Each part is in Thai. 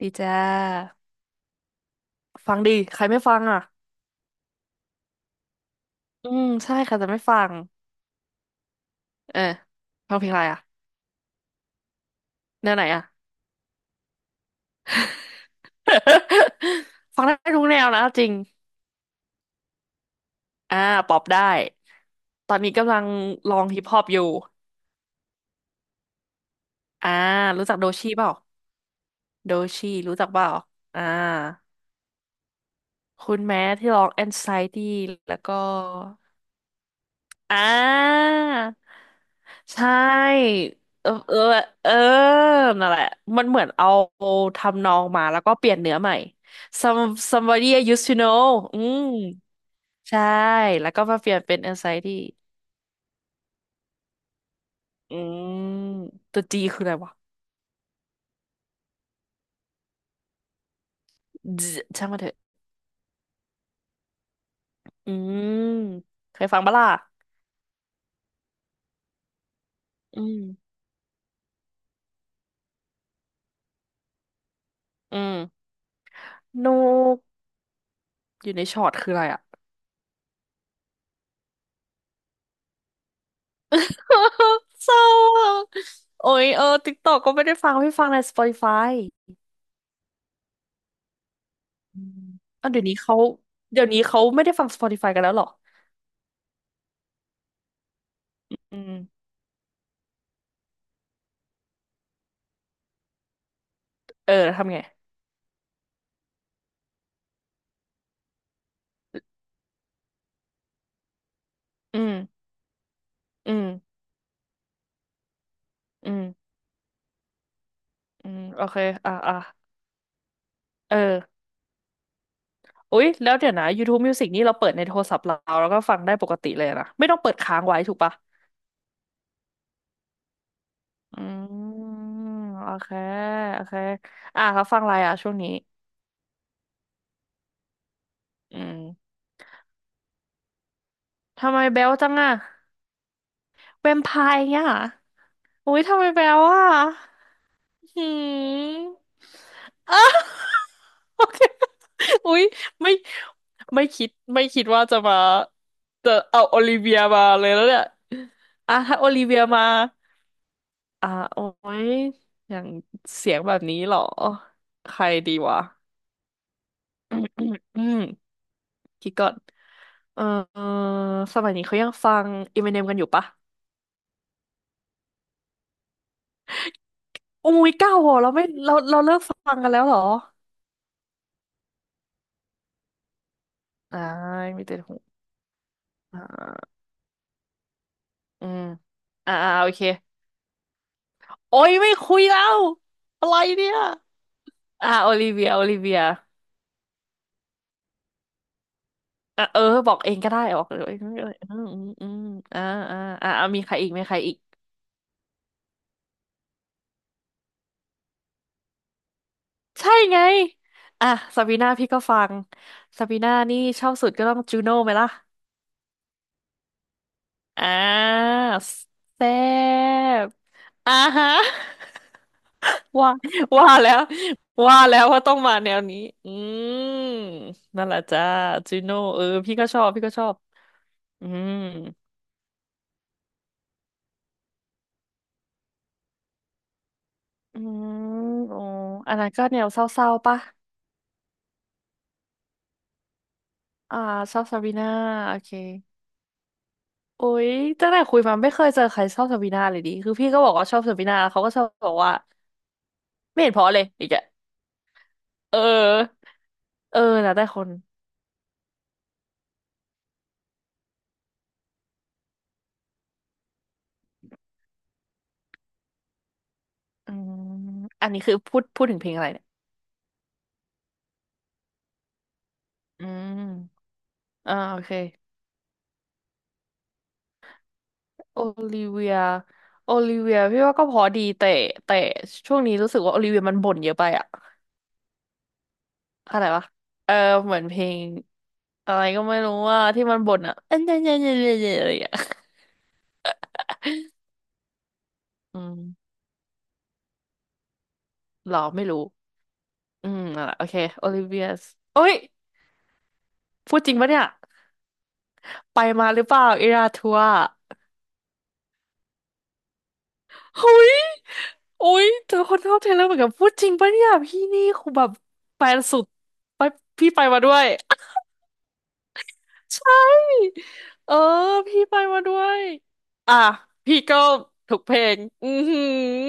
ดีจ้าฟังดีใครไม่ฟังอ่ะอืมใช่ใครจะไม่ฟังเออฟังเพลงอะไรอ่ะแนวไหนอ่ะ ฟังได้ทุกแนวนะจริงอ่าป๊อปได้ตอนนี้กำลังลองฮิปฮอปอยู่อ่ารู้จักโดชีเปล่าโดชีรู้จักเปล่าอ่าคุณแม้ที่ร้อง Anxiety แล้วก็ อ่าใช่เออเออเออนั่นแหละมันเหมือนเอาทำนองมาแล้วก็เปลี่ยนเนื้อใหม่ some somebody I used to know อืมใช่แล้วก็มาเปลี่ยนเป็น anxiety อืมตัว G คืออะไรวะใช่างมันเถอะอืมเคยฟังบ้าล่ะอืมอืมนกอยู่ในช็อตคืออะไรอ่ะ เศร้าอะโอ้ยเออติ๊กตอกก็ไม่ได้ฟังไม่ฟังใน Spotify อืมเาวเดี๋ยวนี้เขาเดี๋ยวนี้เขาไม่ได้ฟัง Spotify กันแล้วเหรออืมเออทำไงอืมอืมอืมอืมโอเคอ่ะอ่ะเอออุ๊ยแล้วเดี๋ยวนะ YouTube Music นี่เราเปิดในโทรศัพท์เราแล้วก็ฟังได้ปกติเลยนะไม่ต้องเปิดค้างไว้ถูกปะอืมโอเคโอเคอ่ะแล้วฟังอะไรอ่ะช่วงนี้อืมทำไมเบลจังอ่ะแวมไพร์เนี่ย อุ้ยทำไมแปลว่าหืม อ้าวโอเคอุ้ยไม่ไม่คิดว่าจะมาจะเอาโอลิเวียมาเลยแล้วเนี่ยอ่ะถ้าโอลิเวียมาอ่ะโอ้ยอย่างเสียงแบบนี้เหรอ ใครดีวะอืมอืมอืม คิดก่อน เออเออสมัยนี้เขายังฟังอ m ม n เนมกันอยู่ปะอุ้ยเก้าเหรอเราไม่เราเราเลิกฟังกันแล้วเหรออ่ามีแต่ อ่าอืมอ่าอ่าโอเคโอ้ย ไม่คุยแล้ว อะไรเนี่ยอ่าโอลิเวียโอลิเวียอ่ะเออ บอกเองก็ได้บอกเออืมอืมอืมอ่าอ่าอ่าเอามีใครอีกมีใครอีก ใช่ไง อ่ะซาบีน่าพี่ก็ฟังซาบีน่านี่ชอบสุดก็ต้องจูโน่ไหมล่ะ อ่าแซ่บอ่าฮะ ว่าว่าแล้วว่าแล้วว่าต้องมาแนวนี้อืมนั่นแหละจ้าจูโน่เออพี่ก็ชอบพี่ก็ชอบอืมอืมโอ้อันนั้นก็แนวเศร้าๆปะอ่าชอบซาบีนาโอเคโอ้ยตั้งแต่คุยมาไม่เคยเจอใครชอบซาบีนาเลยดิคือพี่ก็บอกว่าชอบซาบีนาแล้วเขาก็ชอบบอกว่าไม่เห็นเพราะเลยอีกอะเออเออนะแต่คน อืมอันนี้คือพูดถึงเพลงอะไรเนี่ยอืมอ่าโอเคโอลิเวียโอลิเวียพี่ว่าก็พอดีแต่แต่ช่วงนี้รู้สึกว่าโอลิเวียมันบ่นเยอะไปอะอะไรวะเออเหมือนเพลงอะไรก็ไม่รู้ว่าที่มันบ่นอะเอันเอ็นี่เอ็น่เอ็นี่เอ็น่เอ็น่อะไรอย่างเงี้ยอืมหรอไม่รู้ อืมนั่นแหละโอเคโอลิเวียโอ้ยพูดจริงปะเนี่ยไปมาหรือเปล่าเอราทัว เฮ้ยโอ้ยเจอคนชอบเทเลอร์เหมือนกันพูดจริงปะเนี่ยพี่นี่คือแบบแฟนสุดไปพี่ไปมาด้วยใช่เออพี่ไปมาด้วยอ่ะพี่ก็ถูกเพลงอือหือ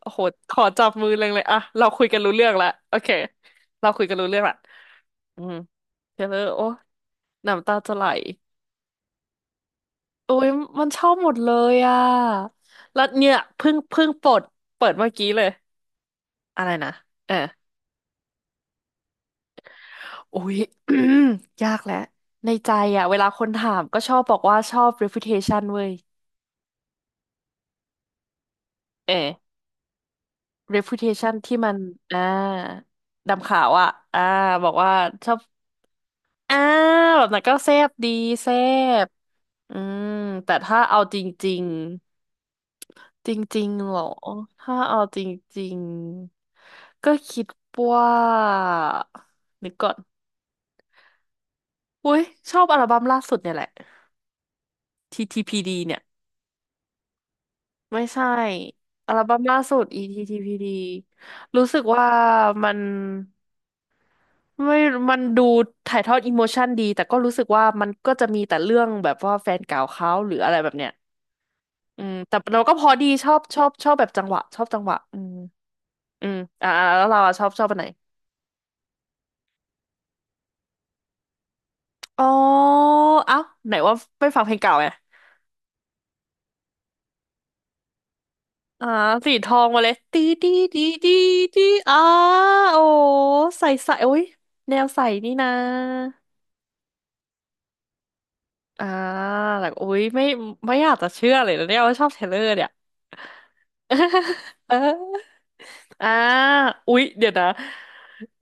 โอ้โหขอจับมือเลยอ่ะเราคุยกันรู้เรื่องละโอเคเราคุยกันรู้เรื่องละอืมเทเลอร์โอ้น้ำตาจะไหลโอ้ยมันชอบหมดเลยอ่ะแล้วเนี่ยเพิ่งปลดเปิดเมื่อกี้เลยอะไรนะเออ อุ๊ย ยากแหละในใจอ่ะเวลาคนถามก็ชอบบอกว่าชอบ reputation เว้ยเออ reputation ที่มันอ่าดำขาวอ่ะอ่าบอกว่าชอบอ่าแบบนั้นก็แซ่บดีแซ่บอืมแต่ถ้าเอาจริงๆจริงๆเหรอถ้าเอาจริงๆก็คิดว่านึกก่อนอุ๊ยชอบอัลบั้มล่าสุดเนี่ยแหละ TTPD เนี่ย ไม่ใช่อัลบั้มล่าสุด ETTPD รู้สึกว่ามันไม่มันดูถ่ายทอดอิโมชันดีแต่ก็รู้สึกว่ามันก็จะมีแต่เรื่องแบบว่าแฟนเก่าเขาหรืออะไรแบบเนี้ยอืมแต่เราก็พอดีชอบชอบแบบจังหวะชอบจังหวะอืมอืมอ่าอ่าแล้วเราอะชอบอันไหนอ๋อเอ้าไหนว่าไม่ฟังเพลงเก่าไงอ่าสีทองมาเลยตีดีดีดีดีอ่าโอ้ใส่ใส่โอ้ยแนวใส่นี่นะ อ่าแบบอุ๊ยไม่ ไม่อยากจะเชื่อเลยนะเนี่ยว่าชอบเทเลอร์เนี่ย เอออ่าอุ๊ยเดี๋ยวนะ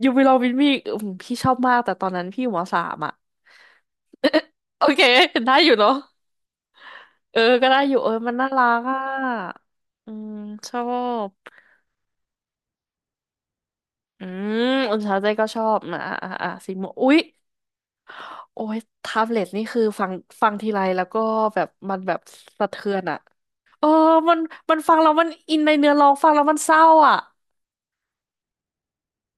ยูไปลองวินมีอพี่ชอบมากแต่ตอนนั้นพี่อยู่มสามอ่ะ โอเคได้อยู่เนาะเออก็ได้อยู่เออมันน่ารักอ่ะอืมชอบอืมอุนเช้าใจก็ชอบนะอ่ะอ่ะอ่ะสีม่วงอุ๊ย โอ้ยแท็บเล็ตนี่คือฟังทีไรแล้วก็แบบสะเทือนอะเออมันมันฟังแล้วมันอินในเนื้อร้องฟังแล้วมันเศร้าอะ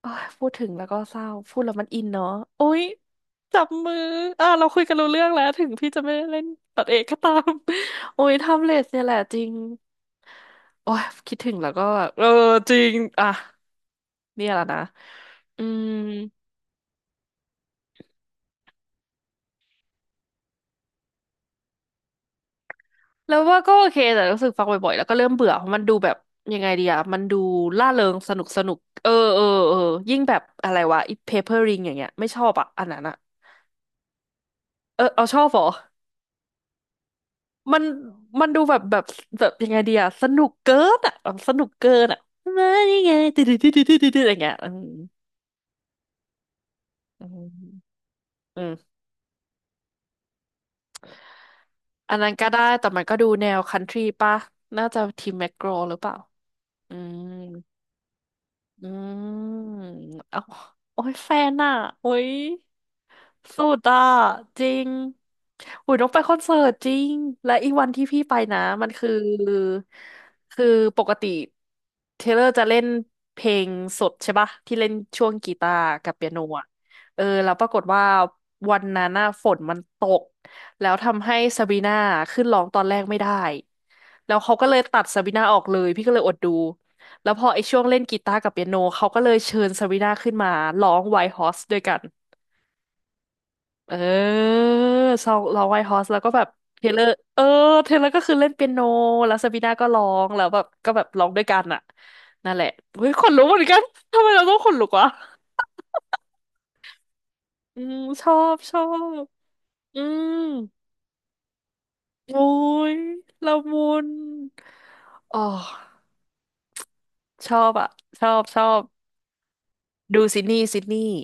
เอ้ยพูดถึงแล้วก็เศร้าพูดแล้วมันอินเนาะโอ้ยจับมืออ่ะเราคุยกันรู้เรื่องแล้วถึงพี่จะไม่ได้เล่นตัดเอกก็ตาม โอ้ยแท็บเล็ตเนี่ยแหละจริงโอ้ยคิดถึงแล้วก็เออจริงอ่ะเนี่ยแหละนะอืม แล้วว่าก็โอเคแต่รู้สึกฟังบ่อยๆแล้วก็เริ่มเบื่อเพราะมันดูแบบยังไงดีอะมันดูล่าเริงสนุกสนุกเออเออเออยิ่งแบบอะไรวะอีเพเปอร์ริงอย่างเงี้ยไม่ชอบอะอันนั้นอะเออเอาชอบเหรอมันมันดูแบบยังไงดีอะสนุกเกินอะแบบสนุกเกินอะมานี่ไง ติดอะไรเงี้ยอืมอืมอืมอันนั้นก็ได้แต่มันก็ดูแนวคันทรีป่ะน่าจะทีมแมกโกรหรือเปล่าอืม อืมเอาโอ้ยแฟนอ่ะ โอ้ย สุดอ่ะจริงอุยต้องไปคอนเสิร์ตจริงและอีกวันที่พี่ไปนะมันคือคือปกติเทเลอร์จะเล่นเพลงสดใช่ปะที่เล่นช่วงกีตาร์กับเปียโนอ่ะเออแล้วปรากฏว่าวันนั้นน่ะฝนมันตกแล้วทำให้ซาบีน่าขึ้นร้องตอนแรกไม่ได้แล้วเขาก็เลยตัดซาบีน่าออกเลยพี่ก็เลยอดดูแล้วพอไอ้ช่วงเล่นกีตาร์กับเปียโนเขาก็เลยเชิญซาบีน่าขึ้นมาร้องไวท์ฮอสด้วยกัน เออซองร้องไวท์ฮอสแล้วก็แบบเทเลอร์เออเทเลอร์ก็คือเล่นเปียโน แล้วซาบีนาก็ร้องแล้วแบบร้องด้วยกันอ่ะนั่นแหละเฮ้ยขนลุกเหมือนกัน ทำไมเราต้องขนลุกวะอืมชอบชอบ อืมโอ้ย ละมุน อ๋อ ชอบอ่ะชอบชอบดูซิดนีย์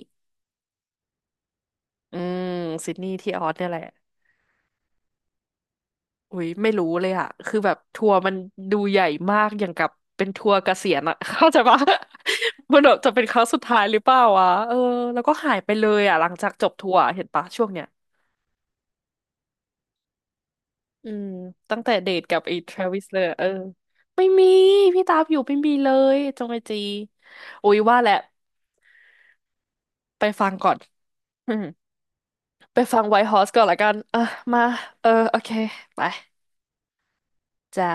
อืมซิดนีย์ที่ออสเนี่ยแหละ อุ้ยไม่รู้เลยอะคือแบบทัวร์มันดูใหญ่มากอย่างกับเป็นทัวร์เกษียณอะ เข้าใจปะมันแบบจะเป็นครั้งสุดท้ายหรือเปล่าวะเออแล้วก็หายไปเลยอะหลังจากจบทัวร์เห็นปะช่วงเนี้ยอืมตั้งแต่เดทกับไอ้ทรเวิสเลยอะเออไม่มีพี่ตามอยู่ไม่มีเลยจงไอจีอุ้ยว่าแหละไปฟังก่อน อืมไปฟังไวท์ฮอสก่อนละกันอ่ะมาเออโอเคไปจ้า